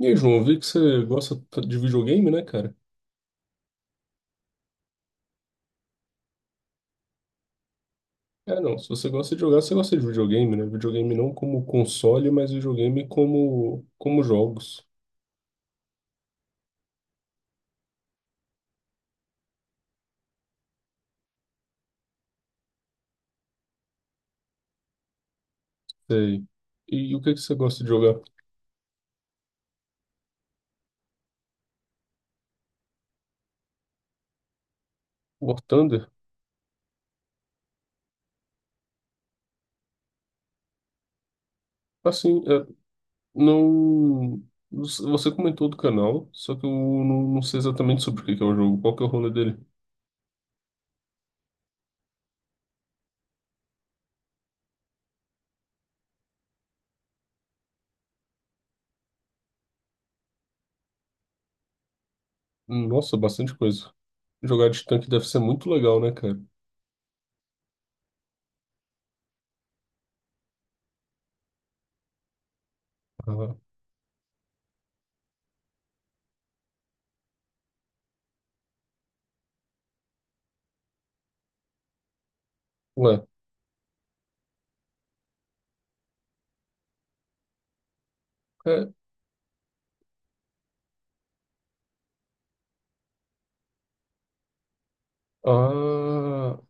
E aí, João, eu vi que você gosta de videogame, né, cara? É, não, se você gosta de jogar, você gosta de videogame, né? Videogame não como console, mas videogame como jogos. Sei. O que é que você gosta de jogar? War Thunder? Assim, é, não... Você comentou do canal, só que eu não sei exatamente sobre o que que é o jogo. Qual que é o rolê dele? Nossa, bastante coisa. Jogar de tanque deve ser muito legal, né, cara? Ah, ué. É, ah,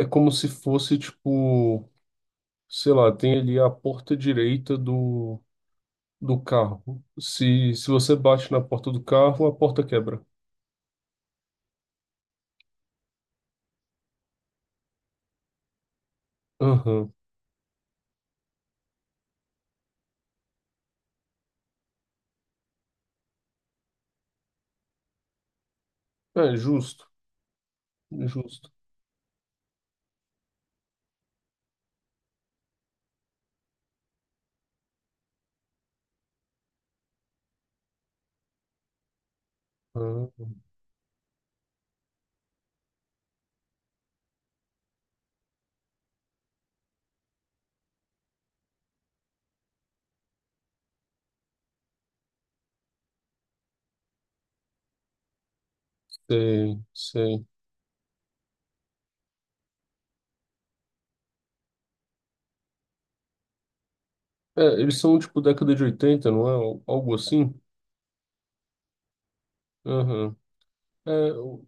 é como se fosse, tipo... sei lá, tem ali a porta direita do carro. Se você bate na porta do carro, a porta quebra. Aham. É, justo. Ah, sei, sei. É, eles são tipo década de 80 não é? Algo assim? Aham. É, o-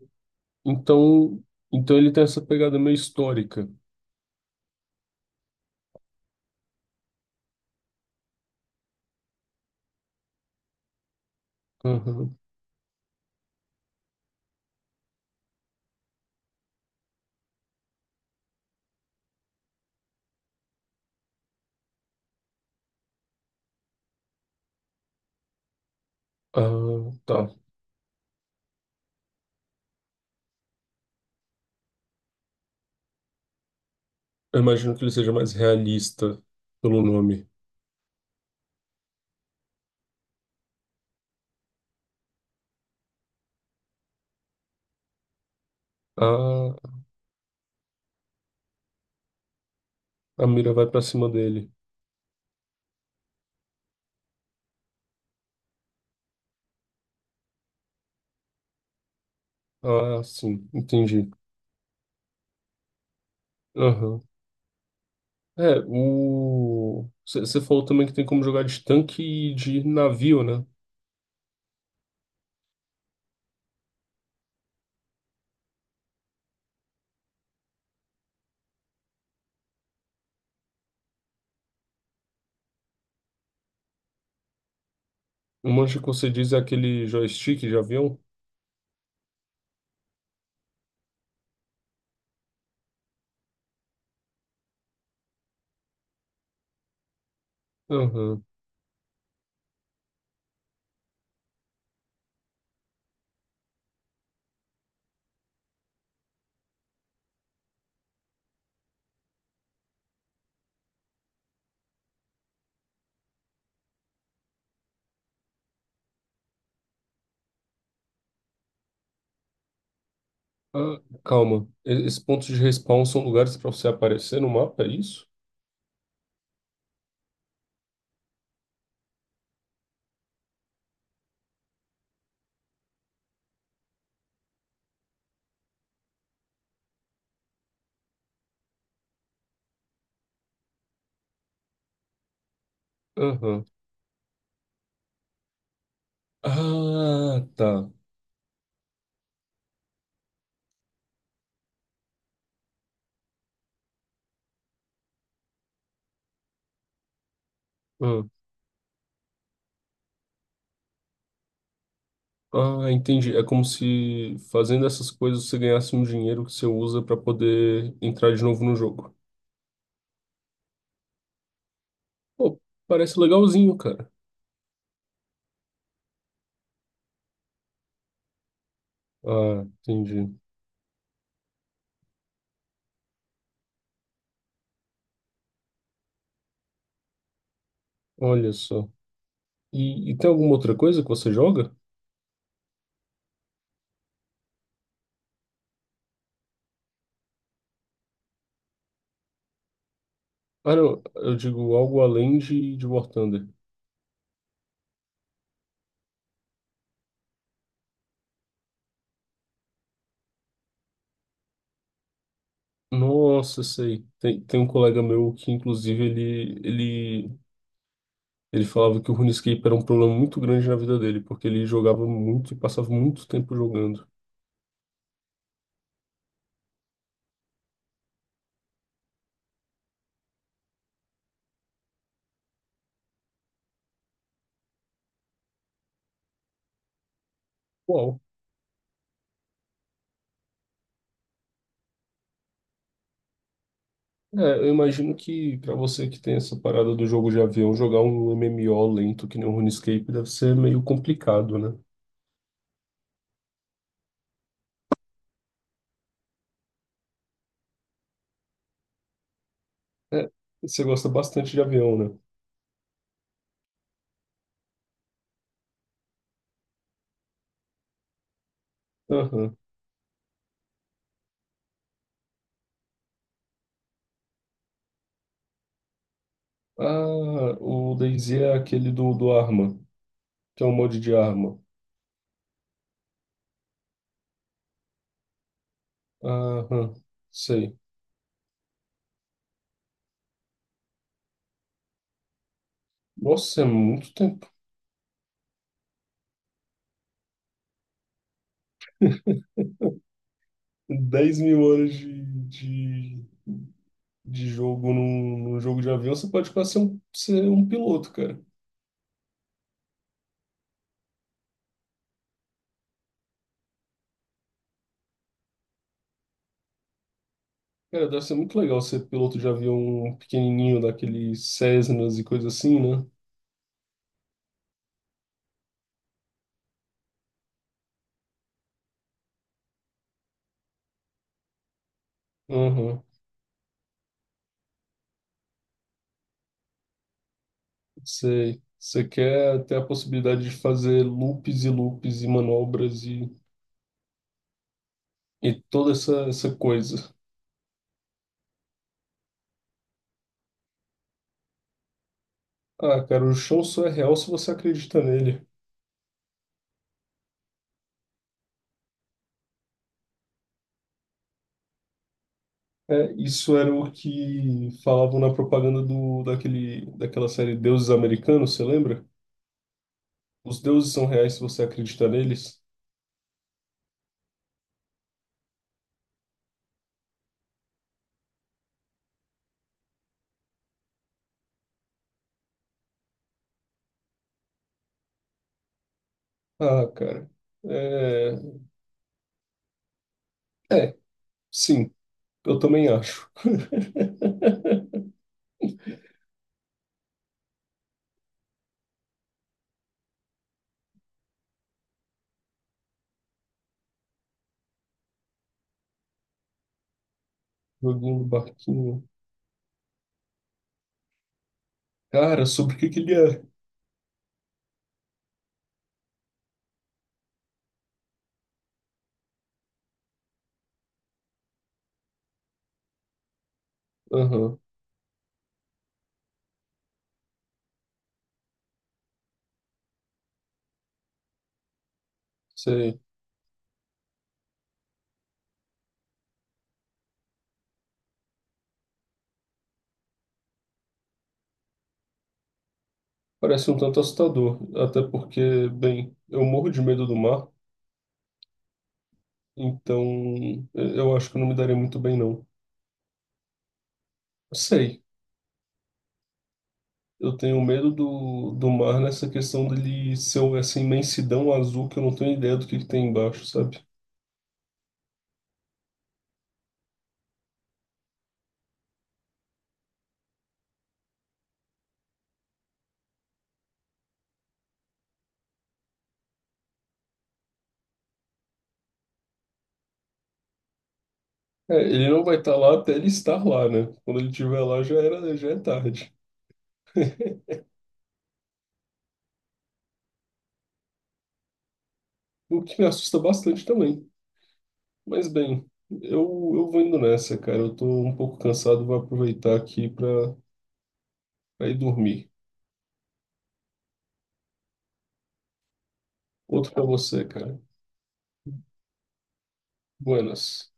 então, então ele tem essa pegada meio histórica. Aham. Ah, tá. Eu imagino que ele seja mais realista pelo nome. Ah, a mira vai pra cima dele. Ah, sim, entendi. Aham. É, o. Você falou também que tem como jogar de tanque e de navio, né? O manche que você diz é aquele joystick de avião? Aham. Ah, calma. Esses pontos de respawn são lugares para você aparecer no mapa, é isso? Aham. Ah, tá. Ah, ah, entendi. É como se fazendo essas coisas você ganhasse um dinheiro que você usa para poder entrar de novo no jogo. Pô, parece legalzinho, cara. Ah, entendi. Olha só. E tem alguma outra coisa que você joga? Ah, não, eu digo algo além de War Thunder. Nossa, sei. Tem um colega meu que, inclusive, ele falava que o RuneScape era um problema muito grande na vida dele, porque ele jogava muito e passava muito tempo jogando. Uau. É, eu imagino que, pra você que tem essa parada do jogo de avião, jogar um MMO lento que nem o RuneScape deve ser meio complicado, né? É, você gosta bastante de avião, né? Aham. Ah, o DayZ é aquele do Arma, que é um mod de arma. Aham, sei. Nossa, é muito tempo. 10.000 horas de, de jogo num jogo de avião, você pode quase ser um piloto, cara. Cara, deve ser muito legal ser piloto de avião pequenininho, daqueles Cessnas e coisa assim, né? Aham, sei. Você quer ter a possibilidade de fazer loops e loops e manobras e toda essa coisa. Ah, cara, o chão só é real se você acredita nele. É, isso era o que falavam na propaganda do, daquele, daquela série Deuses Americanos, você lembra? Os deuses são reais se você acredita neles? Ah, cara. É, é, sim, eu também acho. Joguinho do barquinho. Cara, sobre o que que ele é? Aham, sei. Parece um tanto assustador. Até porque, bem, eu morro de medo do mar, então eu acho que eu não me daria muito bem, não. Sei. Eu tenho medo do mar nessa questão dele ser um, essa imensidão azul que eu não tenho ideia do que tem embaixo, sabe? É, ele não vai estar lá até ele estar lá, né? Quando ele estiver lá já era, já é tarde. O que me assusta bastante também. Mas bem, eu, eu vou indo nessa, cara. Eu tô um pouco cansado, vou aproveitar aqui pra ir dormir. Outro pra você, cara. Buenas.